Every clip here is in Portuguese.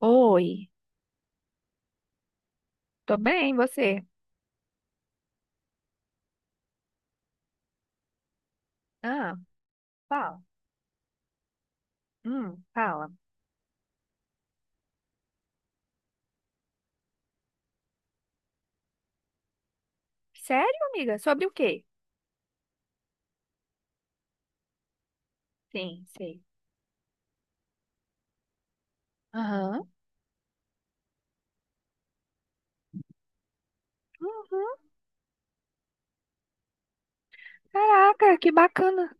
Oi, tô bem, você? Ah, fala. Fala. Sério, amiga? Sobre o quê? Sim, sei. Aham. Uhum. Caraca, que bacana.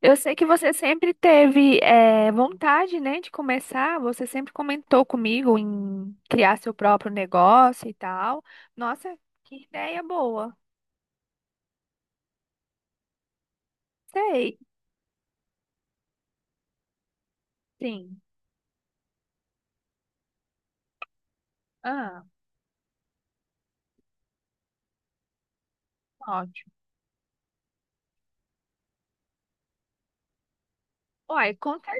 Eu sei que você sempre teve vontade, né, de começar. Você sempre comentou comigo em criar seu próprio negócio e tal. Nossa, que ideia boa. Sei, sim. Ah, ótimo. Uai, conta.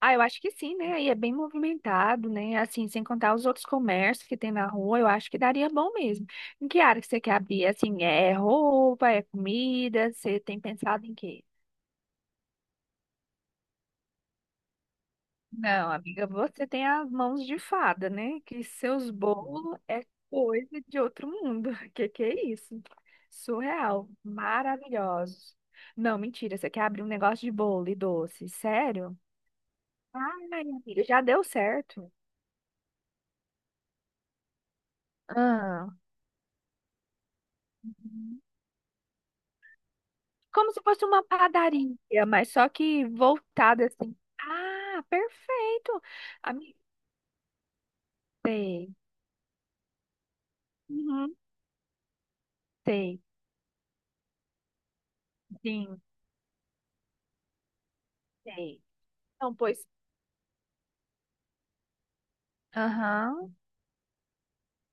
Ah, eu acho que sim, né? Aí é bem movimentado, né? Assim, sem contar os outros comércios que tem na rua, eu acho que daria bom mesmo. Em que área que você quer abrir? Assim, é roupa, é comida? Você tem pensado em quê? Não, amiga, você tem as mãos de fada, né? Que seus bolos é coisa de outro mundo. Que é isso? Surreal, maravilhosos. Não, mentira, você quer abrir um negócio de bolo e doce, sério? Ai, amiga, já deu certo. Ah. Como se fosse uma padaria, mas só que voltada assim. Ah, perfeito. Amigo, sei. Uhum, sei, sim, sei. Então, pois. Aham,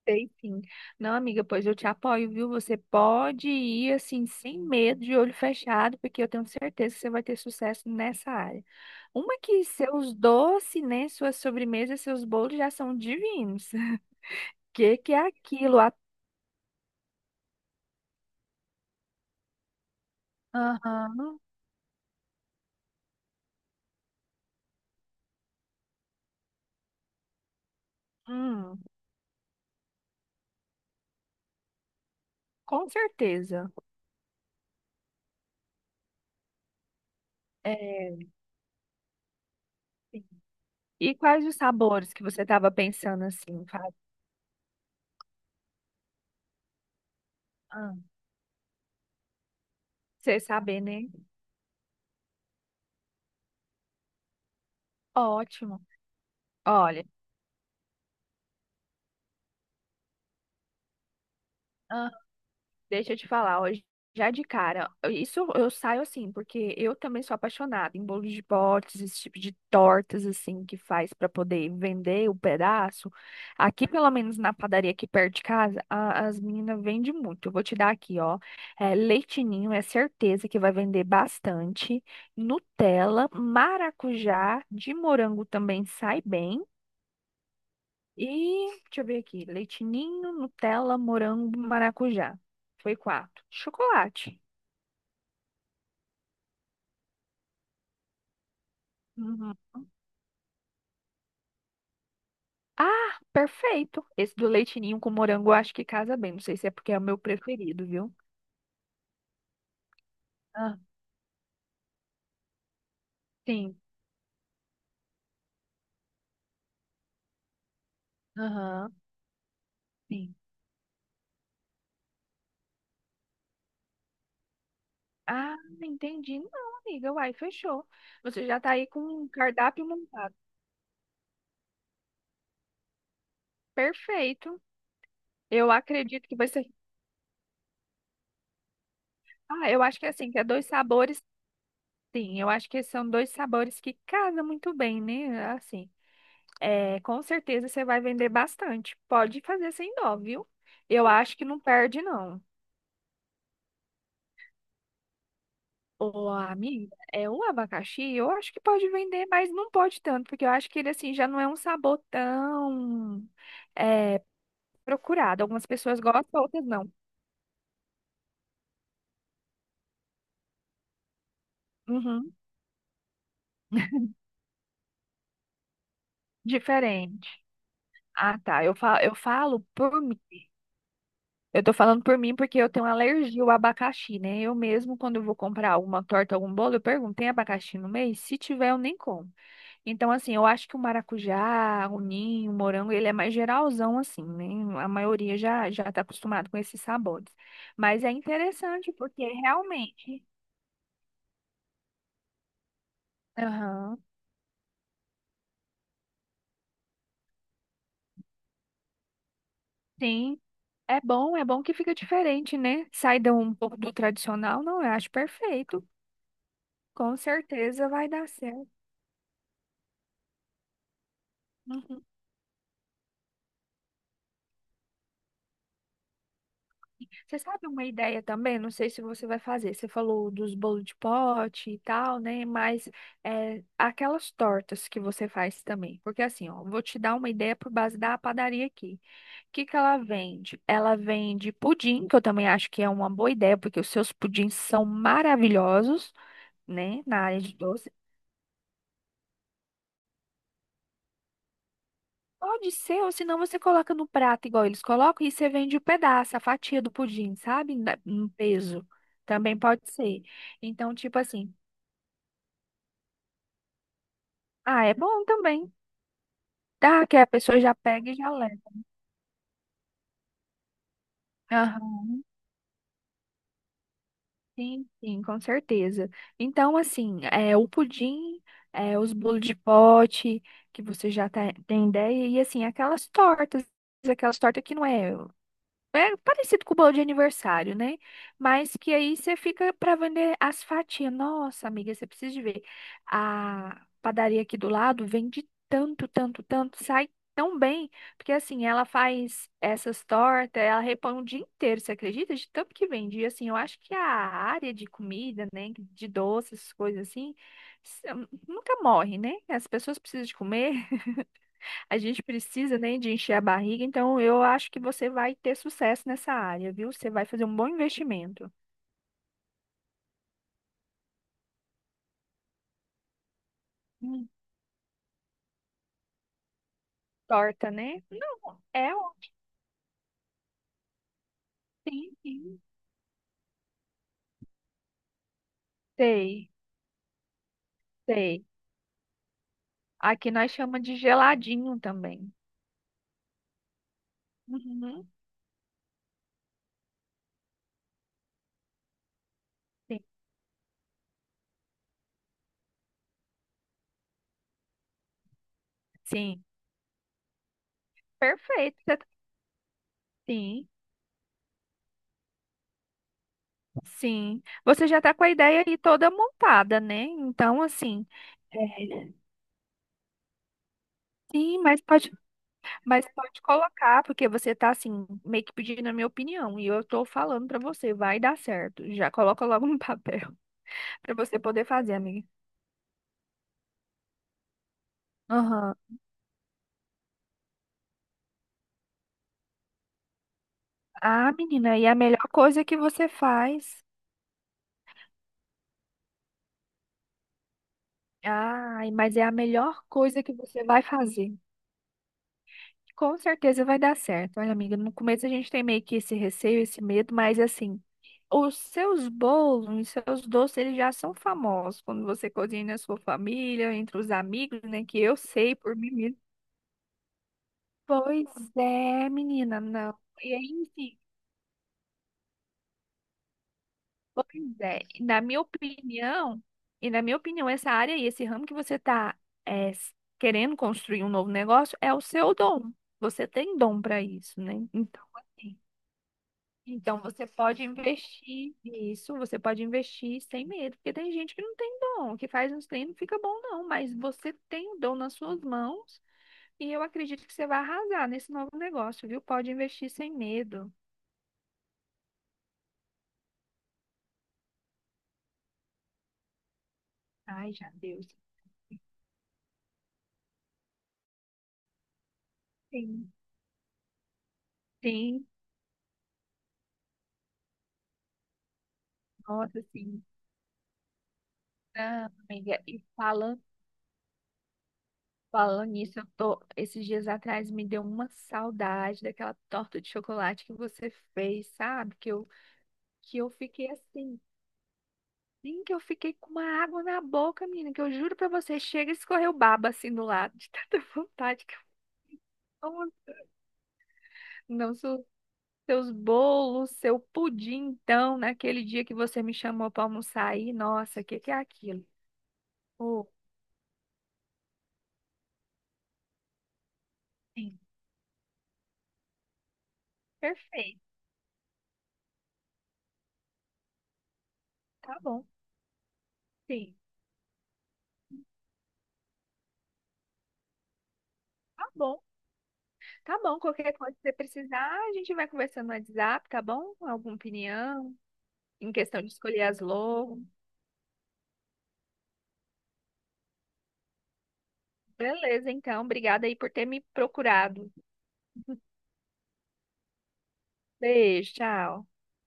sei sim. Não, amiga, pois eu te apoio, viu? Você pode ir assim, sem medo, de olho fechado, porque eu tenho certeza que você vai ter sucesso nessa área. Uma que seus doces, né? Suas sobremesas, seus bolos já são divinos. Que é aquilo? A- Aham, hum, com certeza. É, sim. E quais os sabores que você estava pensando assim, Fábio? Ah, você saber, né? Ótimo. Olha, deixa eu te falar, ó, já de cara, isso eu saio assim, porque eu também sou apaixonada em bolos de potes, esse tipo de tortas assim que faz para poder vender o pedaço. Aqui, pelo menos na padaria aqui perto de casa, a- as meninas vendem muito. Eu vou te dar aqui, ó. É, leitinho é certeza que vai vender bastante. Nutella, maracujá, de morango também sai bem. E deixa eu ver aqui. Leite ninho, Nutella, morango, maracujá. Foi quatro. Chocolate. Uhum. Ah, perfeito. Esse do leite ninho com morango eu acho que casa bem. Não sei se é porque é o meu preferido, viu? Ah, sim. Aham, sim. Ah, entendi. Não, amiga. Uai, fechou. Você já tá aí com um cardápio montado. Perfeito. Eu acredito que vai ser. Ah, eu acho que é assim, que é dois sabores. Sim, eu acho que são dois sabores que casam muito bem, né? Assim. É, com certeza você vai vender bastante. Pode fazer sem dó, viu? Eu acho que não perde, não. Ô, amiga, é o abacaxi, eu acho que pode vender, mas não pode tanto, porque eu acho que ele assim já não é um sabor tão é, procurado. Algumas pessoas gostam, outras não. Uhum, diferente. Ah, tá. Eu falo por mim. Eu tô falando por mim porque eu tenho alergia ao abacaxi, né? Eu mesmo, quando eu vou comprar alguma torta, algum bolo, eu pergunto, tem abacaxi no meio. Se tiver, eu nem como. Então, assim, eu acho que o maracujá, o ninho, o morango, ele é mais geralzão, assim, né? A maioria já está acostumado com esses sabores. Mas é interessante, porque realmente, aham, sim, é bom que fica diferente, né? Sai de um pouco do tradicional, não, eu acho perfeito. Com certeza vai dar certo. Você sabe uma ideia também? Não sei se você vai fazer. Você falou dos bolos de pote e tal, né? Mas é, aquelas tortas que você faz também. Porque assim, ó, vou te dar uma ideia por base da padaria aqui. O que que ela vende? Ela vende pudim, que eu também acho que é uma boa ideia, porque os seus pudins são maravilhosos, né? Na área de doce. Pode ser, ou senão você coloca no prato igual eles colocam e você vende o pedaço, a fatia do pudim, sabe? Na- No peso. Também pode ser. Então, tipo assim. Ah, é bom também. Tá, que a pessoa já pega e já leva. Aham, sim, sim, com certeza. Então, assim, é o pudim, é, os bolos de pote, que você já tá- tem ideia, e assim, aquelas tortas que não é. É parecido com o bolo de aniversário, né? Mas que aí você fica para vender as fatias. Nossa, amiga, você precisa de ver. A padaria aqui do lado vende tanto, tanto, tanto, sai tão bem, porque assim, ela faz essas tortas, ela repõe o dia inteiro, você acredita? De tanto que vende. E assim, eu acho que a área de comida, né, de doces, coisas assim, s- nunca morre, né? As pessoas precisam de comer. A gente precisa, né, de encher a barriga, então eu acho que você vai ter sucesso nessa área, viu? Você vai fazer um bom investimento. Hum, Torta, né? Não, é o sim, sim. Sei, sei. Aqui nós chamamos de geladinho também. Uhum. Sim, sim. Perfeito. Você tá- Sim, sim. Você já está com a ideia aí toda montada, né? Então, assim, é, sim, mas pode. Mas pode colocar, porque você tá assim, meio que pedindo a minha opinião, e eu tô falando pra você, vai dar certo. Já coloca logo no papel pra você poder fazer, amiga. Aham. Ah, menina, e a melhor coisa que você faz. Ai, mas é a melhor coisa que você vai fazer. Com certeza vai dar certo. Olha, amiga, no começo a gente tem meio que esse receio, esse medo, mas assim, os seus bolos, os seus doces, eles já são famosos quando você cozinha na sua família, entre os amigos, né? Que eu sei por mim mesma. Pois é, menina, não. E aí, enfim, pois é. E na minha opinião, e na minha opinião, essa área e esse ramo que você está querendo construir um novo negócio é o seu dom. Você tem dom para isso, né? Então, assim, então você pode investir nisso, você pode investir sem medo, porque tem gente que não tem dom, que faz uns treinos, não fica bom, não, mas você tem o dom nas suas mãos e eu acredito que você vai arrasar nesse novo negócio, viu? Pode investir sem medo. Ai, já deu. Sim, sim, nossa, sim. Ah, amiga, e fala, falando nisso, eu tô, esses dias atrás me deu uma saudade daquela torta de chocolate que você fez, sabe? Que eu fiquei assim, sim, que eu fiquei com uma água na boca, menina, que eu juro pra você, chega e escorreu baba assim do lado, de tanta vontade que eu tava. Não, seu- seus bolos, seu pudim, então, naquele dia que você me chamou pra almoçar aí, nossa, o que que é aquilo? Oh, sim, perfeito, tá bom. Sim. Tá bom, tá bom. Qualquer coisa que você precisar, a gente vai conversando no WhatsApp, tá bom? Alguma opinião em questão de escolher as logos. Beleza, então. Obrigada aí por ter me procurado. Beijo, tchau.